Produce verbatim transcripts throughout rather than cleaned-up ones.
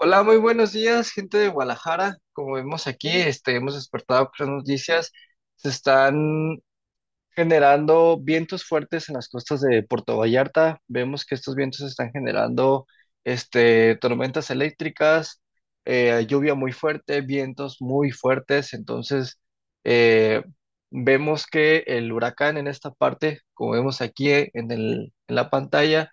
Hola, muy buenos días, gente de Guadalajara. Como vemos aquí, este, hemos despertado con las noticias. Se están generando vientos fuertes en las costas de Puerto Vallarta. Vemos que estos vientos están generando este, tormentas eléctricas, eh, lluvia muy fuerte, vientos muy fuertes. Entonces, eh, vemos que el huracán en esta parte, como vemos aquí en el- en la pantalla,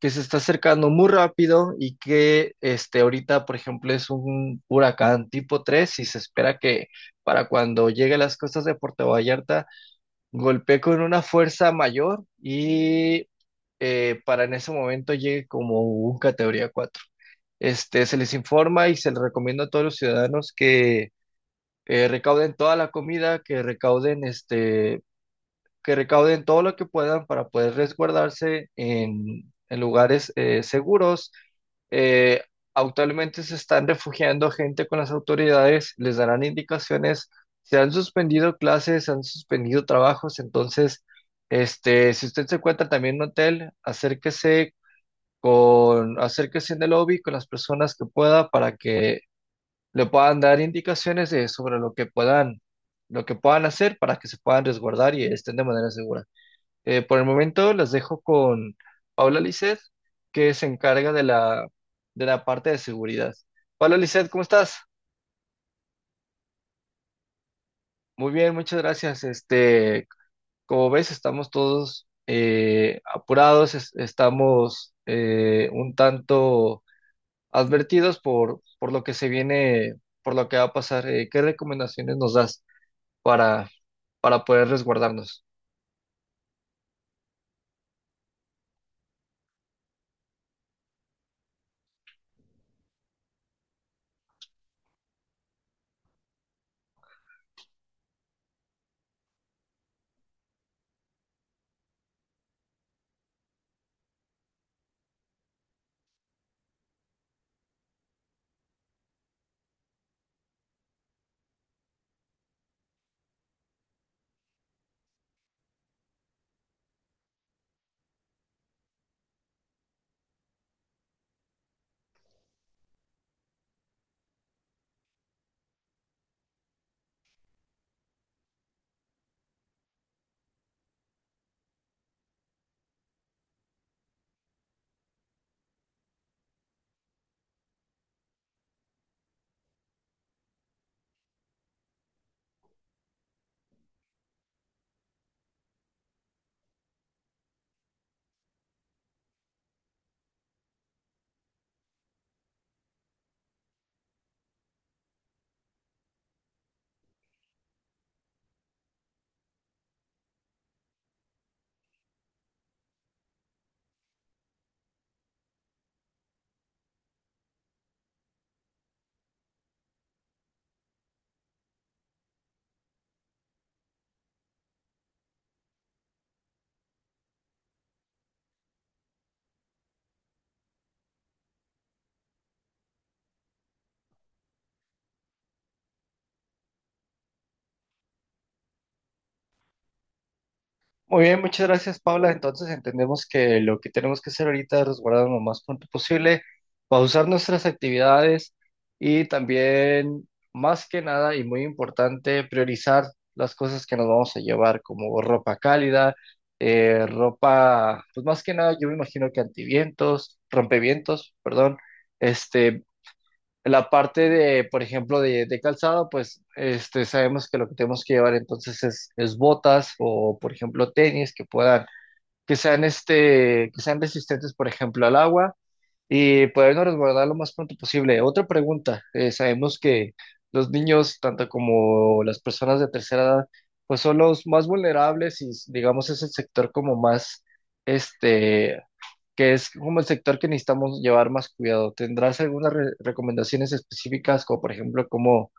que se está acercando muy rápido y que este, ahorita, por ejemplo, es un huracán tipo tres y se espera que para cuando llegue a las costas de Puerto Vallarta, golpeé con una fuerza mayor y eh, para en ese momento llegue como un categoría cuatro. Este, se les informa y se les recomienda a todos los ciudadanos que eh, recauden toda la comida, que recauden este, que recauden todo lo que puedan para poder resguardarse en, en lugares eh, seguros. Eh, actualmente se están refugiando gente con las autoridades, les darán indicaciones, se han suspendido clases, se han suspendido trabajos, entonces, este, si usted se encuentra también en un hotel, acérquese con, acérquese en el lobby con las personas que pueda para que le puedan dar indicaciones de- sobre lo que puedan, lo que puedan hacer para que se puedan resguardar y estén de manera segura. Eh, por el momento las dejo con Paula Lisset, que se encarga de la, de la parte de seguridad. Paula Lisset, ¿cómo estás? Muy bien, muchas gracias. Este, como ves, estamos todos eh, apurados, es- estamos eh, un tanto advertidos por, por lo que se viene, por lo que va a pasar. Eh, ¿qué recomendaciones nos das para, para poder resguardarnos? Muy bien, muchas gracias, Paula. Entonces entendemos que lo que tenemos que hacer ahorita es resguardarnos lo más pronto posible, pausar nuestras actividades y también, más que nada y muy importante, priorizar las cosas que nos vamos a llevar, como ropa cálida, eh, ropa, pues más que nada, yo me imagino que antivientos, rompevientos, perdón, este, la parte de, por ejemplo, de, de calzado, pues este, sabemos que lo que tenemos que llevar entonces es, es botas o, por ejemplo, tenis que puedan, que sean, este, que sean resistentes, por ejemplo, al agua y podernos resguardar lo más pronto posible. Otra pregunta, eh, sabemos que los niños, tanto como las personas de tercera edad, pues son los más vulnerables y digamos es el sector como más, este, que es como el sector que necesitamos llevar más cuidado. ¿Tendrás algunas re- recomendaciones específicas, como por ejemplo cómo,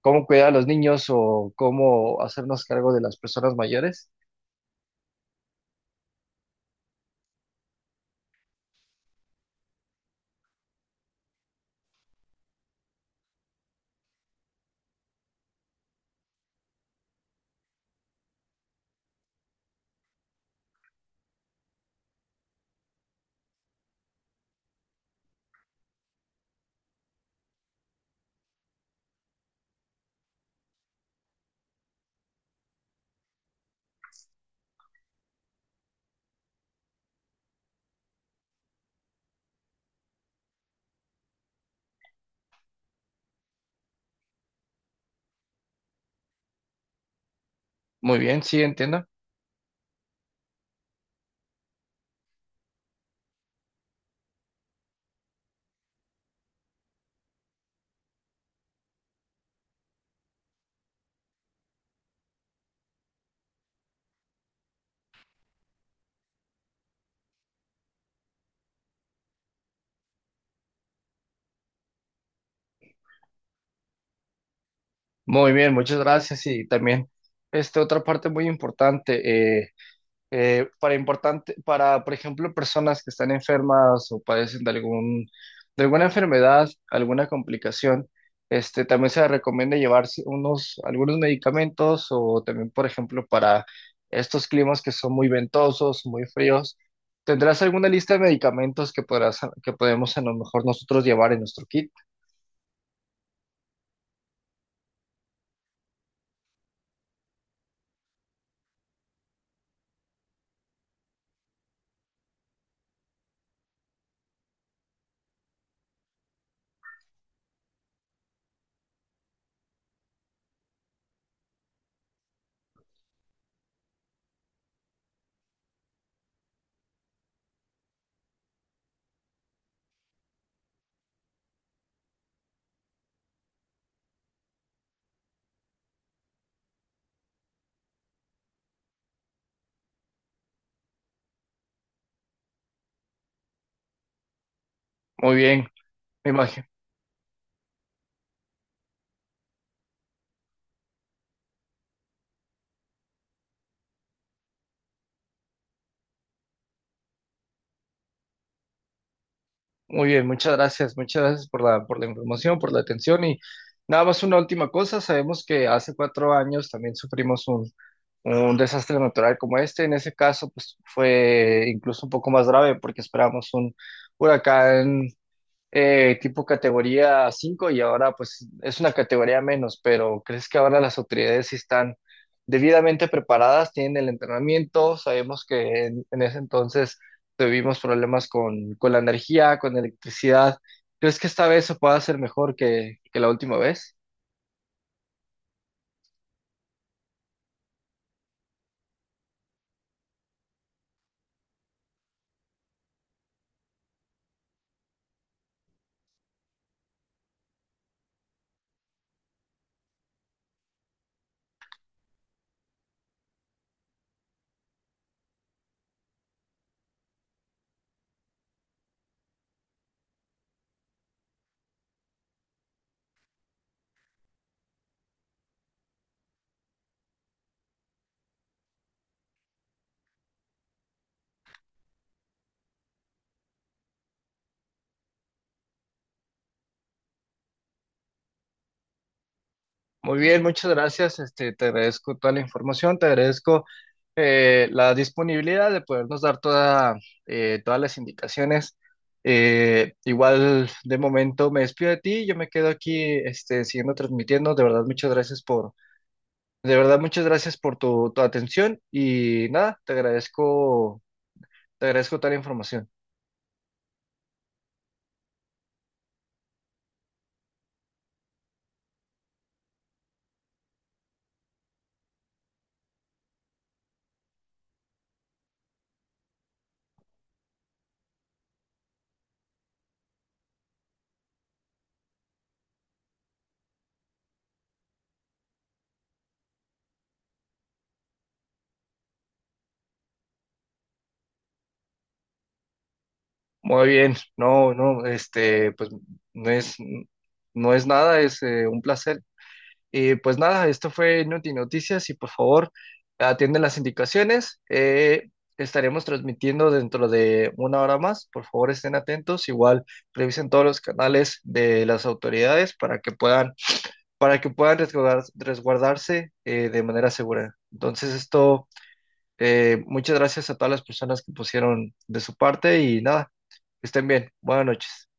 cómo cuidar a los niños o cómo hacernos cargo de las personas mayores? Muy bien, sí, entiendo. Muy bien, muchas gracias. Y también, este, otra parte muy importante, eh, eh, para importante, para, por ejemplo, personas que están enfermas o padecen de algún, de alguna enfermedad, alguna complicación, este, también se recomienda llevarse unos, algunos medicamentos o también, por ejemplo, para estos climas que son muy ventosos, muy fríos, ¿tendrás alguna lista de medicamentos que podrás, que podemos a lo mejor nosotros llevar en nuestro kit? Muy bien, me imagino. Muy bien, muchas gracias, muchas gracias por la, por la información, por la atención y nada más una última cosa, sabemos que hace cuatro años también sufrimos un, un desastre natural como este, en ese caso pues fue incluso un poco más grave porque esperamos un huracán eh, tipo categoría cinco y ahora pues es una categoría menos, pero ¿crees que ahora las autoridades sí están debidamente preparadas, tienen el entrenamiento? Sabemos que en, en ese entonces tuvimos problemas con, con la energía, con la electricidad. ¿Crees que esta vez se pueda hacer mejor que, que la última vez? Muy bien, muchas gracias. Este, te agradezco toda la información, te agradezco eh, la disponibilidad de podernos dar toda, eh, todas las indicaciones. Eh, igual de momento me despido de ti, yo me quedo aquí este, siguiendo transmitiendo. De verdad, muchas gracias por, de verdad, muchas gracias por tu, tu atención y nada, te agradezco, te agradezco toda la información. Muy bien, no, no, este, pues no es, no es nada, es eh, un placer. Y pues nada, esto fue Noti Noticias y por favor atienden las indicaciones. Eh, estaremos transmitiendo dentro de una hora más. Por favor estén atentos. Igual revisen todos los canales de las autoridades para que puedan, para que puedan resguardar- resguardarse eh, de manera segura. Entonces esto, eh, muchas gracias a todas las personas que pusieron de su parte y nada, que estén bien. Buenas noches.